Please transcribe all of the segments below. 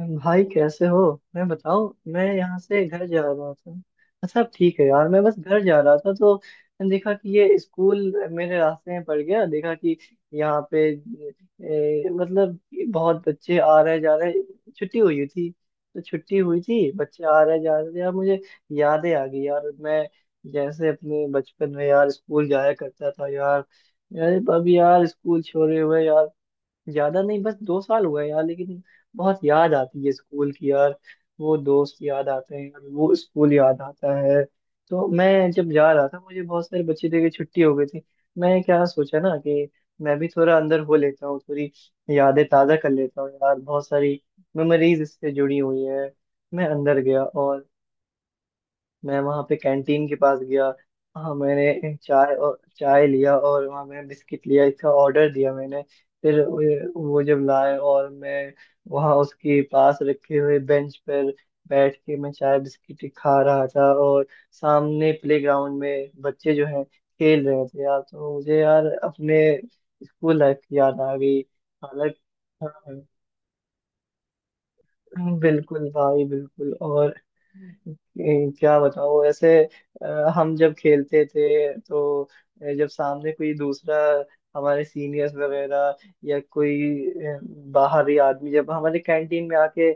भाई, कैसे हो। मैं बताओ, मैं यहाँ से घर जा रहा था। अच्छा, अब ठीक है यार। मैं बस घर जा रहा था तो मैंने देखा कि ये स्कूल मेरे रास्ते में पड़ गया। देखा कि यहाँ पे मतलब कि बहुत बच्चे आ रहे जा रहे। छुट्टी हुई थी। तो छुट्टी हुई थी, बच्चे आ रहे जा रहे थे यार। मुझे यादें आ गई यार। मैं जैसे अपने बचपन में यार स्कूल जाया करता था यार। यार अब यार स्कूल छोड़े हुए यार ज्यादा नहीं, बस 2 साल हुआ है यार। लेकिन बहुत याद आती है स्कूल की यार। वो दोस्त याद आते हैं यार, वो स्कूल याद आता है। तो मैं जब जा रहा था, मुझे बहुत सारे बच्चे थे कि छुट्टी हो गई थी। मैं क्या सोचा ना कि मैं भी थोड़ा अंदर हो लेता हूँ। थोड़ी यादें ताज़ा कर लेता हूँ यार, बहुत सारी मेमोरीज इससे जुड़ी हुई है। मैं अंदर गया और मैं वहां पे कैंटीन के पास गया। हाँ, मैंने चाय और चाय लिया, और वहाँ मैंने बिस्किट लिया, इसका ऑर्डर दिया मैंने। फिर वो जब लाए, और मैं वहाँ उसके पास रखे हुए बेंच पर बैठ के मैं चाय बिस्किट खा रहा था। और सामने प्लेग्राउंड में बच्चे जो हैं खेल रहे थे यार, तो मुझे यार अपने स्कूल लाइफ की याद आ गई। हालांकि हाँ, बिल्कुल भाई बिल्कुल। और क्या बताऊं वैसे। अ, हम जब खेलते थे तो जब सामने कोई दूसरा, हमारे सीनियर्स वगैरह, या कोई ए, बाहरी आदमी जब हमारे कैंटीन में आके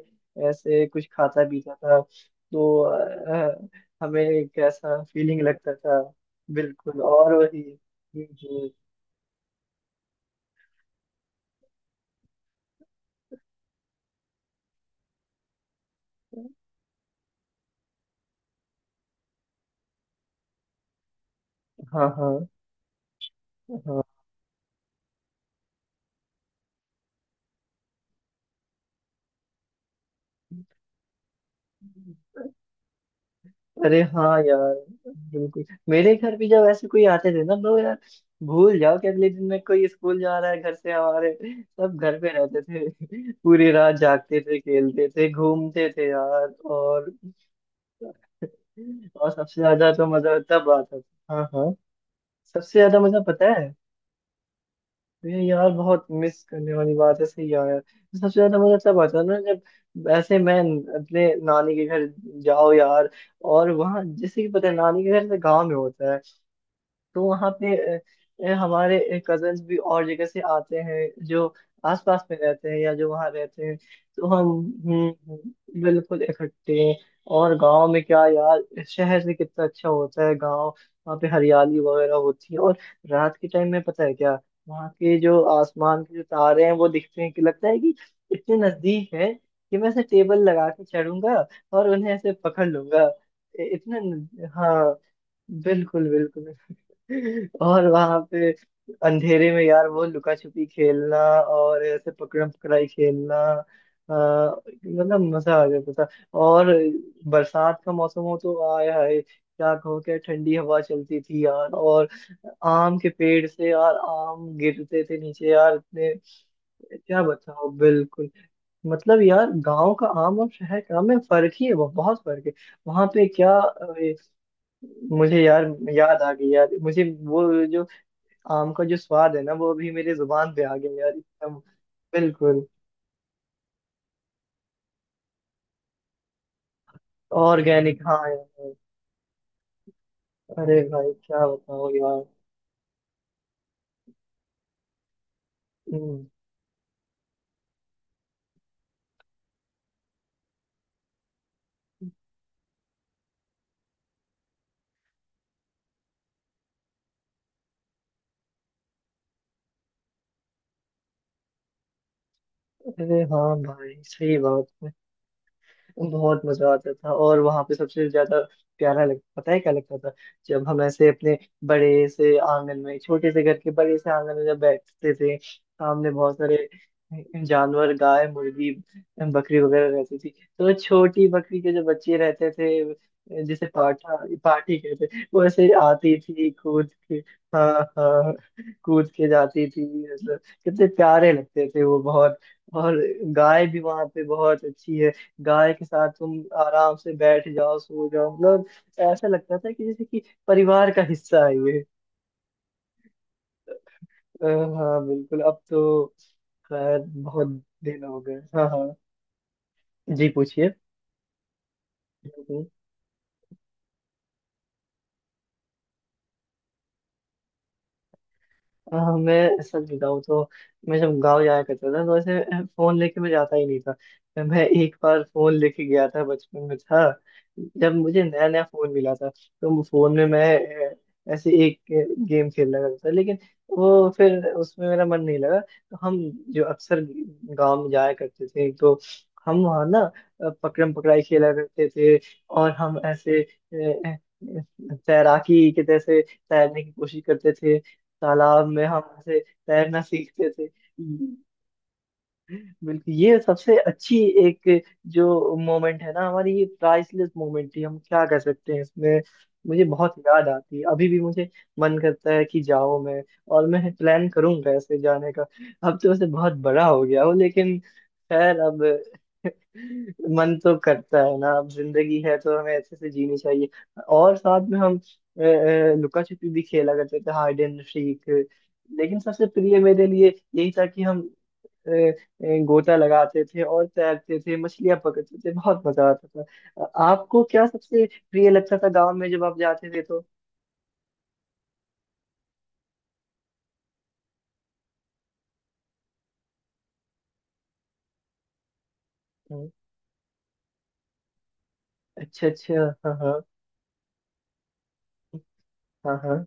ऐसे कुछ खाता पीता था, तो हमें कैसा फीलिंग लगता था। बिल्कुल, और वही। जी जी, हाँ हाँ हाँ। अरे हाँ यार, बिल्कुल। मेरे घर भी जब ऐसे कोई आते थे ना तो यार भूल जाओ कि अगले दिन में कोई स्कूल जा रहा है। घर से हमारे सब घर पे रहते थे पूरी रात जागते थे, खेलते थे, घूमते थे यार। और सबसे ज्यादा तो मजा तब आता था। हाँ हाँ, सबसे ज्यादा मजा पता है। ये यार बहुत मिस करने वाली बात है सही यार। सबसे ज्यादा मजा तब आता है ना, जब ऐसे मैं अपने नानी के घर जाओ यार। और वहाँ जैसे कि पता है, नानी के घर से गांव में होता है। तो वहाँ पे हमारे कजन्स भी और जगह से आते हैं जो आसपास में रहते हैं या जो वहाँ रहते हैं। तो हम बिल्कुल इकट्ठे हैं। और गांव में क्या यार, शहर से कितना अच्छा होता है गांव। वहाँ पे हरियाली वगैरह होती है, और रात के टाइम में पता है क्या, वहाँ के जो आसमान के जो तारे हैं वो दिखते हैं कि लगता है कि इतने नजदीक है कि मैं ऐसे टेबल लगा के चढ़ूंगा और उन्हें ऐसे पकड़ लूंगा। इ- इतना न- हाँ, बिल्कुल बिल्कुल। और वहां पे अंधेरे में यार वो लुका छुपी खेलना और ऐसे पकड़म पकड़ाई खेलना, मतलब मजा आ गया पता। और बरसात का मौसम हो तो आया है क्या कहो क्या, ठंडी हवा चलती थी यार। और आम के पेड़ से यार आम गिरते थे नीचे यार, इतने क्या बताओ। बिल्कुल। मतलब यार गांव का आम और शहर का आम में फर्क ही है, बहुत बहुत फर्क है। वहां पे क्या मुझे यार याद आ गई यार मुझे, वो जो आम का जो स्वाद है ना, वो अभी मेरे जुबान पे आ गया यार एकदम। बिल्कुल ऑर्गेनिक हाँ यार। अरे भाई क्या बताओ यार। हम्म। अरे हाँ भाई सही बात। बहुत मजा आता था, और वहां पे सबसे ज्यादा प्यारा लग, पता है क्या लगता था? जब हम ऐसे अपने बड़े से आंगन में, छोटे से घर के बड़े से आंगन में जब बैठते थे, सामने बहुत सारे जानवर, गाय, मुर्गी, बकरी वगैरह रहती थी। तो छोटी बकरी के जो बच्चे रहते थे जिसे पाठा पाठी कहते, वो ऐसे आती थी कूद के। हाँ हाँ, कूद के जाती थी। मतलब कितने प्यारे लगते थे वो, बहुत। और गाय भी वहां पे बहुत अच्छी है। गाय के साथ तुम आराम से बैठ जाओ, सो जाओ। मतलब ऐसा लगता था कि जैसे कि परिवार का हिस्सा है ये। हाँ, बिल्कुल। अब तो खैर बहुत दिन हो गए। हाँ हाँ, जी पूछिए। मैं सच बताऊँ तो मैं जब गांव जाया करता था तो ऐसे फोन लेके मैं जाता ही नहीं था। मैं एक बार फोन लेके गया था, बचपन में था, जब मुझे नया नया फोन मिला था। तो वो फोन में मैं ऐसे एक गेम खेलना करता था, लेकिन वो फिर उसमें मेरा मन नहीं लगा। तो हम जो अक्सर गांव में जाया करते थे, तो हम वहाँ ना पकड़म पकड़ाई खेला करते थे। और हम ऐसे अ, तैराकी के जैसे तैरने की कोशिश करते थे, तालाब में हम ऐसे तैरना सीखते थे। बिल्कुल, ये सबसे अच्छी एक जो मोमेंट है ना हमारी, ये प्राइसलेस मोमेंट थी। हम क्या कर सकते हैं इसमें। मुझे बहुत याद आती है, अभी भी मुझे मन करता है कि जाऊं मैं। और मैं प्लान करूंगा ऐसे जाने का। अब तो वैसे बहुत बड़ा हो गया हूं, लेकिन खैर अब मन तो करता है ना, अब जिंदगी है तो हमें अच्छे से जीनी चाहिए। और साथ में हम लुका छिपी भी खेला करते थे, हाइड एंड सीक। लेकिन सबसे प्रिय मेरे लिए यही था कि हम गोता लगाते थे और तैरते थे, मछलियां पकड़ते थे, बहुत मजा आता था। आपको क्या सबसे प्रिय लगता था गांव में जब आप जाते थे तो? हम्म, अच्छा अच्छा। हाँ हाँ हाँ हाँ।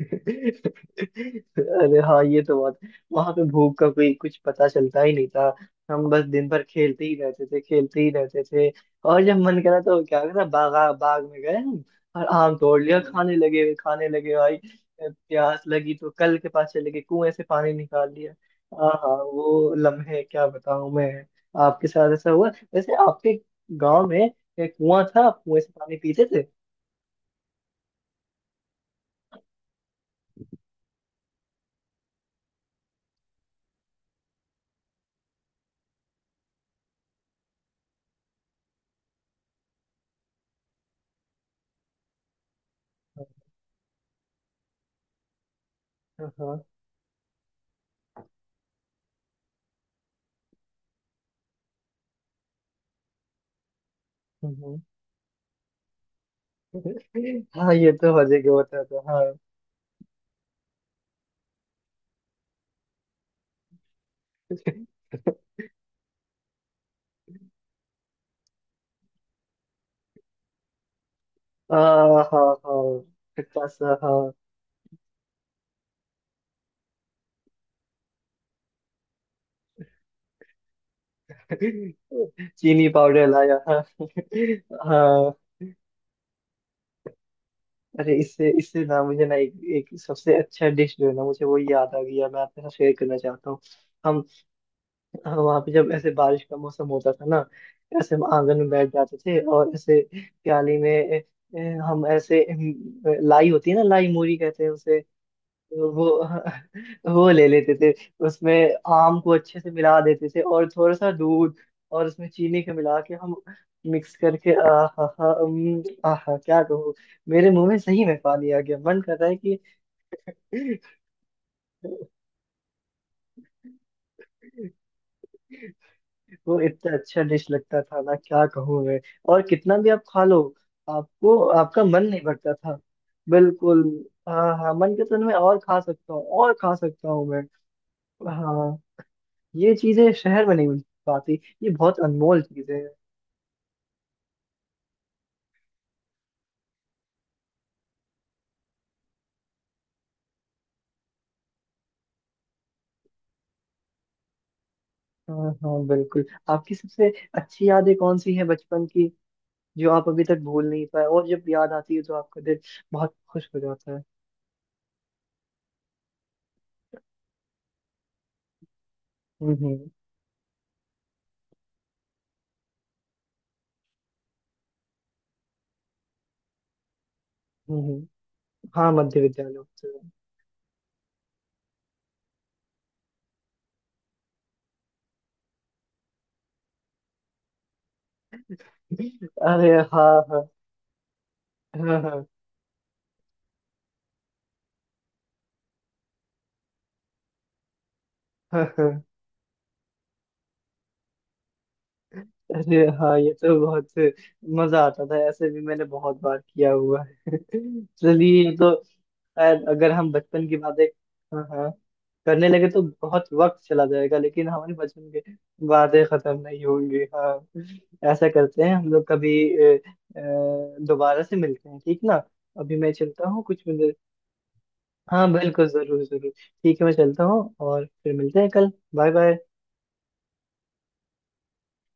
अरे हाँ, ये तो बात। वहां पे भूख का कोई कुछ पता चलता ही नहीं था। हम बस दिन भर खेलते ही रहते थे, खेलते ही रहते थे। और जब मन करा तो क्या करा, बागा बाग में गए हम और आम तोड़ लिया। हम्म। खाने लगे, वे खाने लगे भाई। प्यास लगी तो कल के पास चले गए, कुएं से पानी निकाल लिया। हाँ हाँ, वो लम्हे क्या बताऊं मैं। आपके साथ ऐसा हुआ वैसे? आपके गांव में एक कुआं था, आप कुएं से पानी पीते थे? हाँ हाँ, हम्म, हाँ, ये तो हर जगह होता था। हाँ हाँ हाँ हाँ। खट्टा सा, हाँ। चीनी पाउडर लाया। हाँ हाँ। अरे इससे इससे ना, मुझे ना एक सबसे अच्छा डिश जो है ना मुझे वो याद आ गया, मैं आपके साथ शेयर करना चाहता हूँ। हम वहाँ पे जब ऐसे बारिश का मौसम होता था ना, ऐसे हम आंगन में बैठ जाते थे। और ऐसे प्याली में ए, ए, हम ऐसे लाई होती है ना, लाई मूरी कहते हैं। वो वो ले लेते थे, उसमें आम को अच्छे से मिला देते थे, और थोड़ा सा दूध और उसमें चीनी के मिला के हम मिक्स करके, आहा हा, आहा, क्या कहूँ। मेरे मुंह में सही में पानी आ गया, मन कर रहा है कि वो इतना अच्छा डिश लगता था ना, क्या कहूँ मैं। और कितना भी आप खा लो, आपको आपका मन नहीं भरता था। बिल्कुल, हाँ हाँ। मन के तो मैं और खा सकता हूँ, और खा सकता हूँ मैं। हाँ। ये चीजें शहर में नहीं मिल पाती। ये बहुत अनमोल चीजें हैं। हाँ हाँ, बिल्कुल। आपकी सबसे अच्छी यादें कौन सी हैं बचपन की, जो आप अभी तक भूल नहीं पाए, और जब याद आती है तो आपका दिल बहुत खुश हो जाता है? हम्म हम्म हम्म। हाँ, मध्य विद्यालय उत्सव। अरे हाँ हाँ हाँ, हाँ हाँ हाँ। अरे हाँ ये तो बहुत मजा आता था, ऐसे भी मैंने बहुत बार किया हुआ है चलिए, ये तो अगर हम बचपन की बातें, हाँ हाँ, करने लगे तो बहुत वक्त चला जाएगा, लेकिन हमारे बचपन के वादे खत्म नहीं होंगे। हाँ। ऐसा करते हैं हम लोग, कभी दोबारा से मिलते हैं, ठीक ना? अभी मैं चलता हूँ कुछ मिनट। हाँ, बिल्कुल, जरूर जरूर। ठीक है, मैं चलता हूँ और फिर मिलते हैं कल। Bye bye.